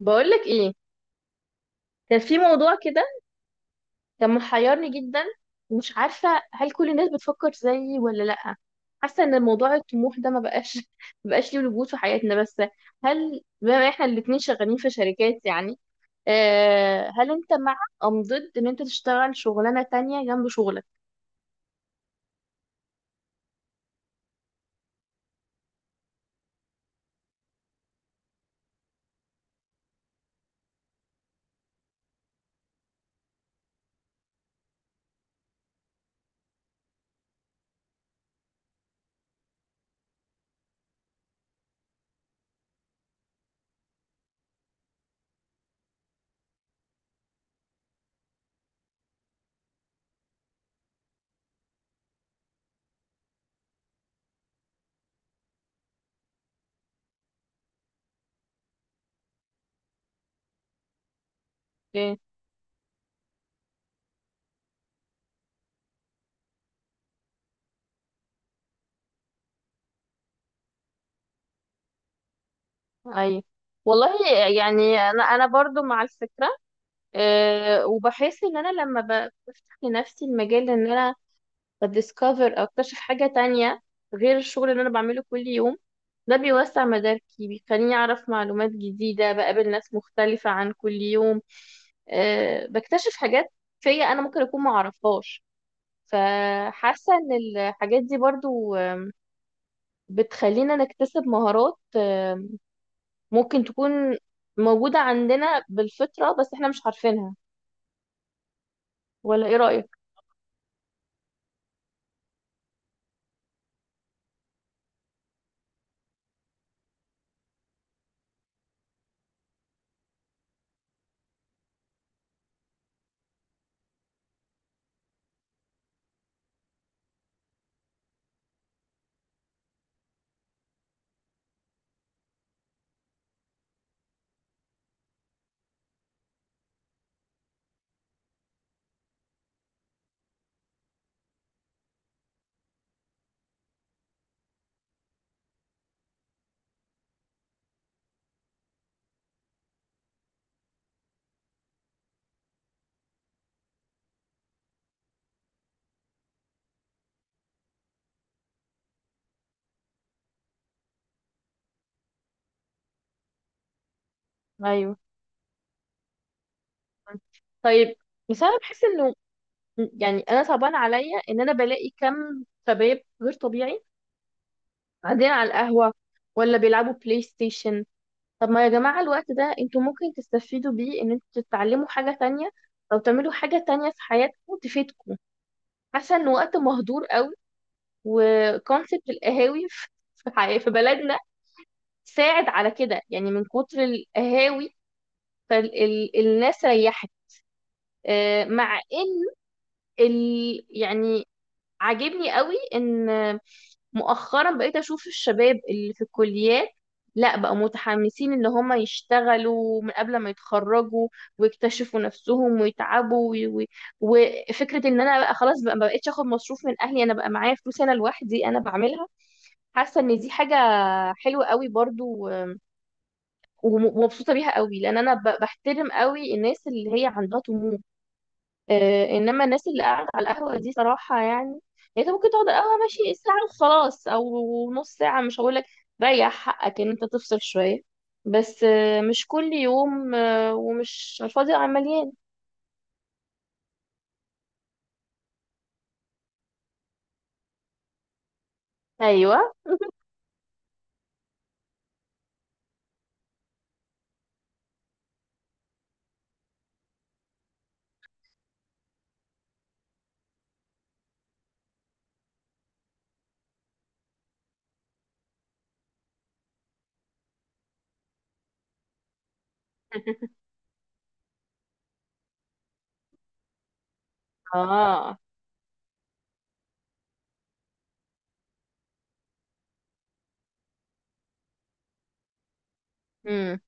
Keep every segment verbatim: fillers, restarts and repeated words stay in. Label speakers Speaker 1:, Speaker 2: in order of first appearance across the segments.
Speaker 1: بقولك ايه، كان في موضوع كده. كان محيرني جدا، ومش عارفة هل كل الناس بتفكر زيي ولا لأ. حاسة ان موضوع الطموح ده ما بقاش ما بقاش ليه وجود في حياتنا. بس هل بما احنا الاتنين شغالين في شركات، يعني آه هل انت مع ام ضد ان انت تشتغل شغلانة تانية جنب شغلك؟ ايه؟ ايوه، والله. يعني انا انا برضو مع الفكرة. آه وبحس ان انا لما ب- بفتح لنفسي المجال ان انا بديسكفر او اكتشف حاجة تانية غير الشغل اللي انا بعمله كل يوم. ده بيوسع مداركي، بيخليني اعرف معلومات جديدة، بقابل ناس مختلفة عن كل يوم. أه بكتشف حاجات فيا انا ممكن اكون ما اعرفهاش. فحاسة ان الحاجات دي برضو آه، بتخلينا نكتسب مهارات آه، ممكن تكون موجودة عندنا بالفطرة بس احنا مش عارفينها. ولا ايه رأيك؟ ايوه. طيب. بس انا بحس انه، يعني انا صعبان عليا ان انا بلاقي كم شباب غير طبيعي قاعدين على القهوه، ولا بيلعبوا بلاي ستيشن. طب ما يا جماعه، الوقت ده انتوا ممكن تستفيدوا بيه ان انتوا تتعلموا حاجه تانية، او تعملوا حاجه تانية في حياتكم تفيدكم. حاسه ان وقت مهدور قوي. وكونسبت القهاوي في في حي- في بلدنا ساعد على كده، يعني من كتر القهاوي فالناس ريحت. آه، مع ان ال... يعني عاجبني قوي ان مؤخرا بقيت اشوف الشباب اللي في الكليات، لا بقى متحمسين ان هم يشتغلوا من قبل ما يتخرجوا، ويكتشفوا نفسهم ويتعبوا وي... وي... وفكرة ان انا بقى خلاص، بقى ما بقتش اخد مصروف من اهلي، انا بقى معايا فلوس، انا لوحدي انا بعملها. حاسة ان دي حاجة حلوة قوي برضو، وم- ومبسوطة بيها قوي، لان انا ب- بحترم قوي الناس اللي هي عندها طموح. آه، انما الناس اللي قاعده على القهوه دي صراحه يعني يعني انت ممكن تقعد على القهوه ماشي ساعه وخلاص، او نص ساعه، مش هقول لك ريح حقك ان انت تفصل شويه. بس آه، مش كل يوم آه، ومش على الفاضي عمليان. ايوه. اه. امم.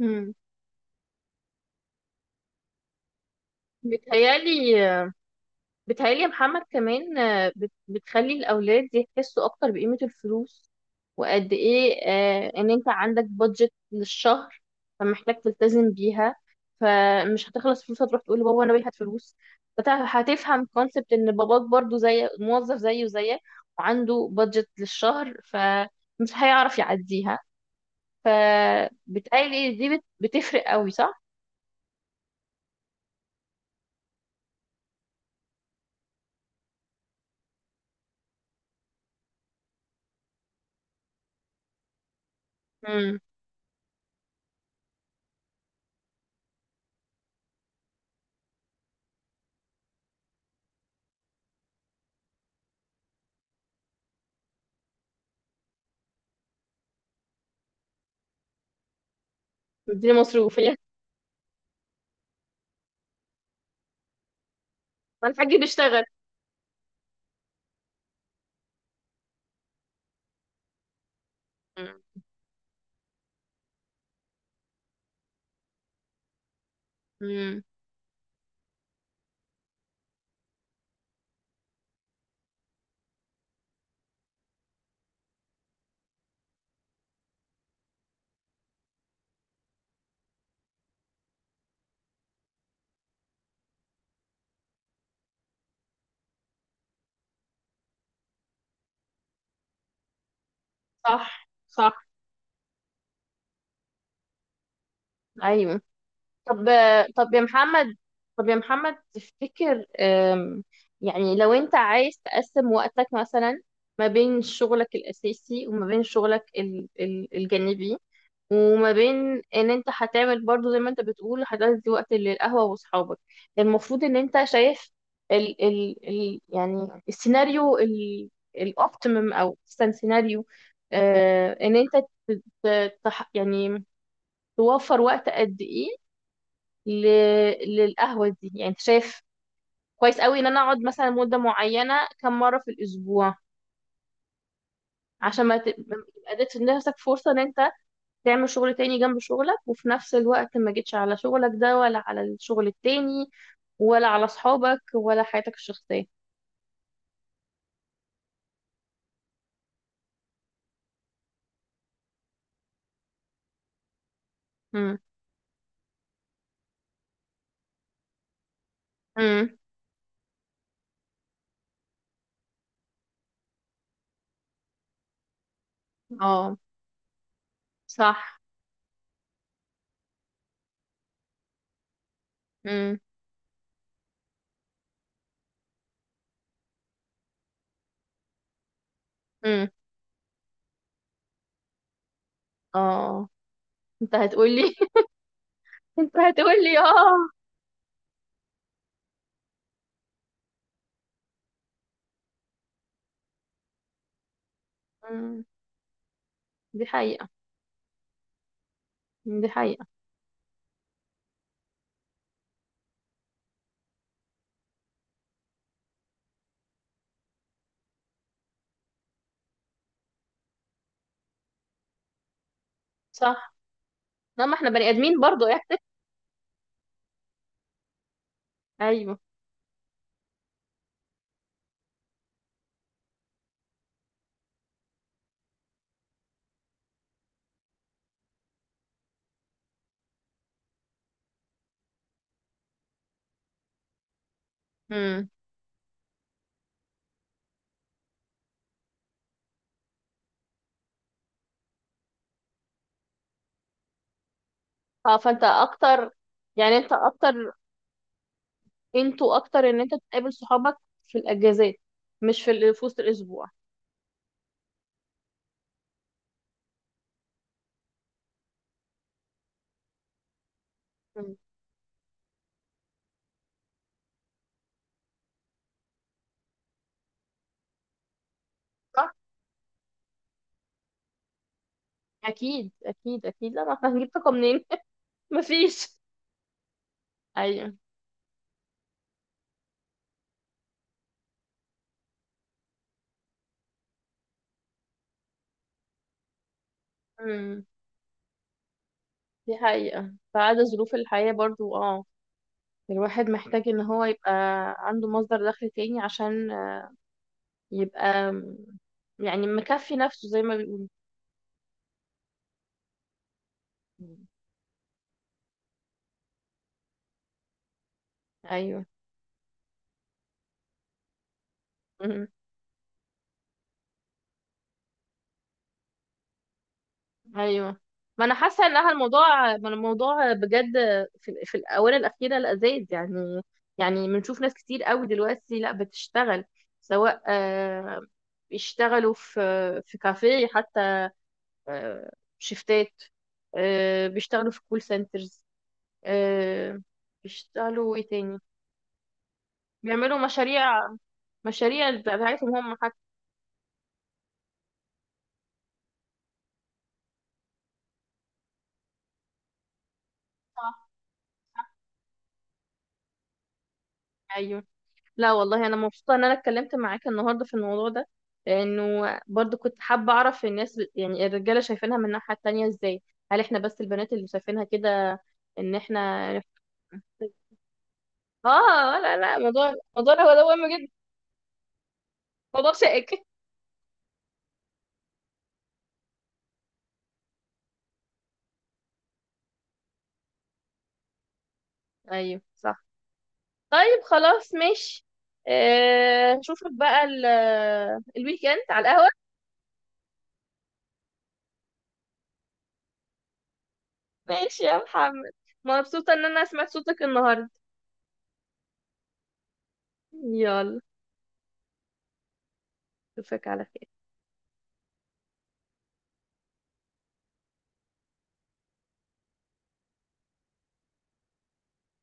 Speaker 1: امم. بتهيالي بتهيألي يا محمد، كمان آه، بت- بتخلي الأولاد يحسوا أكتر بقيمة الفلوس، وقد إيه آه، إن أنت عندك بادجت للشهر، فمحتاج تلتزم بيها، فمش هتخلص فلوس هتروح تقول لبابا أنا باقي هات فلوس. فت- هتفهم كونسبت إن باباك برضو زي موظف، زيه زيك، وعنده بادجت للشهر فمش هيعرف يعديها. فبتهيألي دي بت- بتفرق قوي، صح؟ امم. دي مصروف يعني. ما الحاج بيشتغل. مم. مم. صح، صح. ايوه. طب، طب يا محمد، طب يا محمد تفتكر أم، يعني لو انت عايز تقسم وقتك مثلا، ما بين شغلك الاساسي وما بين شغلك ال- ال- الجانبي، وما بين ان انت هتعمل برضو زي ما انت بتقول هتدي وقت للقهوة واصحابك. المفروض ان انت شايف ال ال ال يعني السيناريو ال- الاوبتيمم او احسن سيناريو. أه، ان انت ت- ت- تح- يعني توفر وقت قد ايه ل... للقهوة دي، يعني انت شايف كويس قوي ان انا اقعد مثلا مدة معينة كم مرة في الاسبوع، عشان ما ت- ما تبقى اديت لنفسك فرصة ان انت تعمل شغل تاني جنب شغلك، وفي نفس الوقت ما جيتش على شغلك ده ولا على الشغل التاني، ولا على صحابك ولا حياتك الشخصية. امم. امم. اه. صح. امم. امم. اه. انت هتقولي. انت هتقولي اه. مم. دي حقيقة، دي حقيقة. صح. لا، ما احنا بني ادمين برضو يعني. ايوه. مم. اه. فانت اكتر يعني انت اكتر انتوا اكتر ان انت تقابل صحابك في الاجازات، مش في ال- في وسط الاسبوع. مم. صح. اكيد، اكيد، اكيد. لا، ما احنا هنجيب طاقه منين؟ مفيش. ايوه. امم. دي حقيقه بعد ظروف الحياه برضو. اه، الواحد محتاج ان هو يبقى عنده مصدر دخل تاني عشان يبقى، يعني مكفي نفسه زي ما بيقولوا. مم. ايوه. ايوه، ما انا حاسه انها الموضوع، ما الموضوع بجد في، في الاونه الاخيره لذيذ يعني يعني بنشوف ناس كتير قوي دلوقتي لا بتشتغل، سواء آه، بيشتغلوا في في كافيه حتى، آه، شيفتات، آه، بيشتغلوا في كول سنترز، آه، بيشتغلوا ايه تاني، بيعملوا مشاريع، مشاريع بتاعتهم هم حتى. ايوه. لا والله، انا مبسوطه ان انا اتكلمت معاك النهارده في الموضوع ده، لانه برضو كنت حابه اعرف الناس، يعني الرجاله شايفينها من الناحيه التانية ازاي، هل احنا بس البنات اللي شايفينها كده ان احنا... اه، لا، لا، موضوع، موضوع هو ده مهم جدا، موضوع شائك. ايوه، صح. طيب، خلاص، ماشي. آه، اشوفك بقى ال- الويك اند على القهوه. ماشي يا محمد، مبسوطه ان انا سمعت صوتك النهارده. يلا، اشوفك على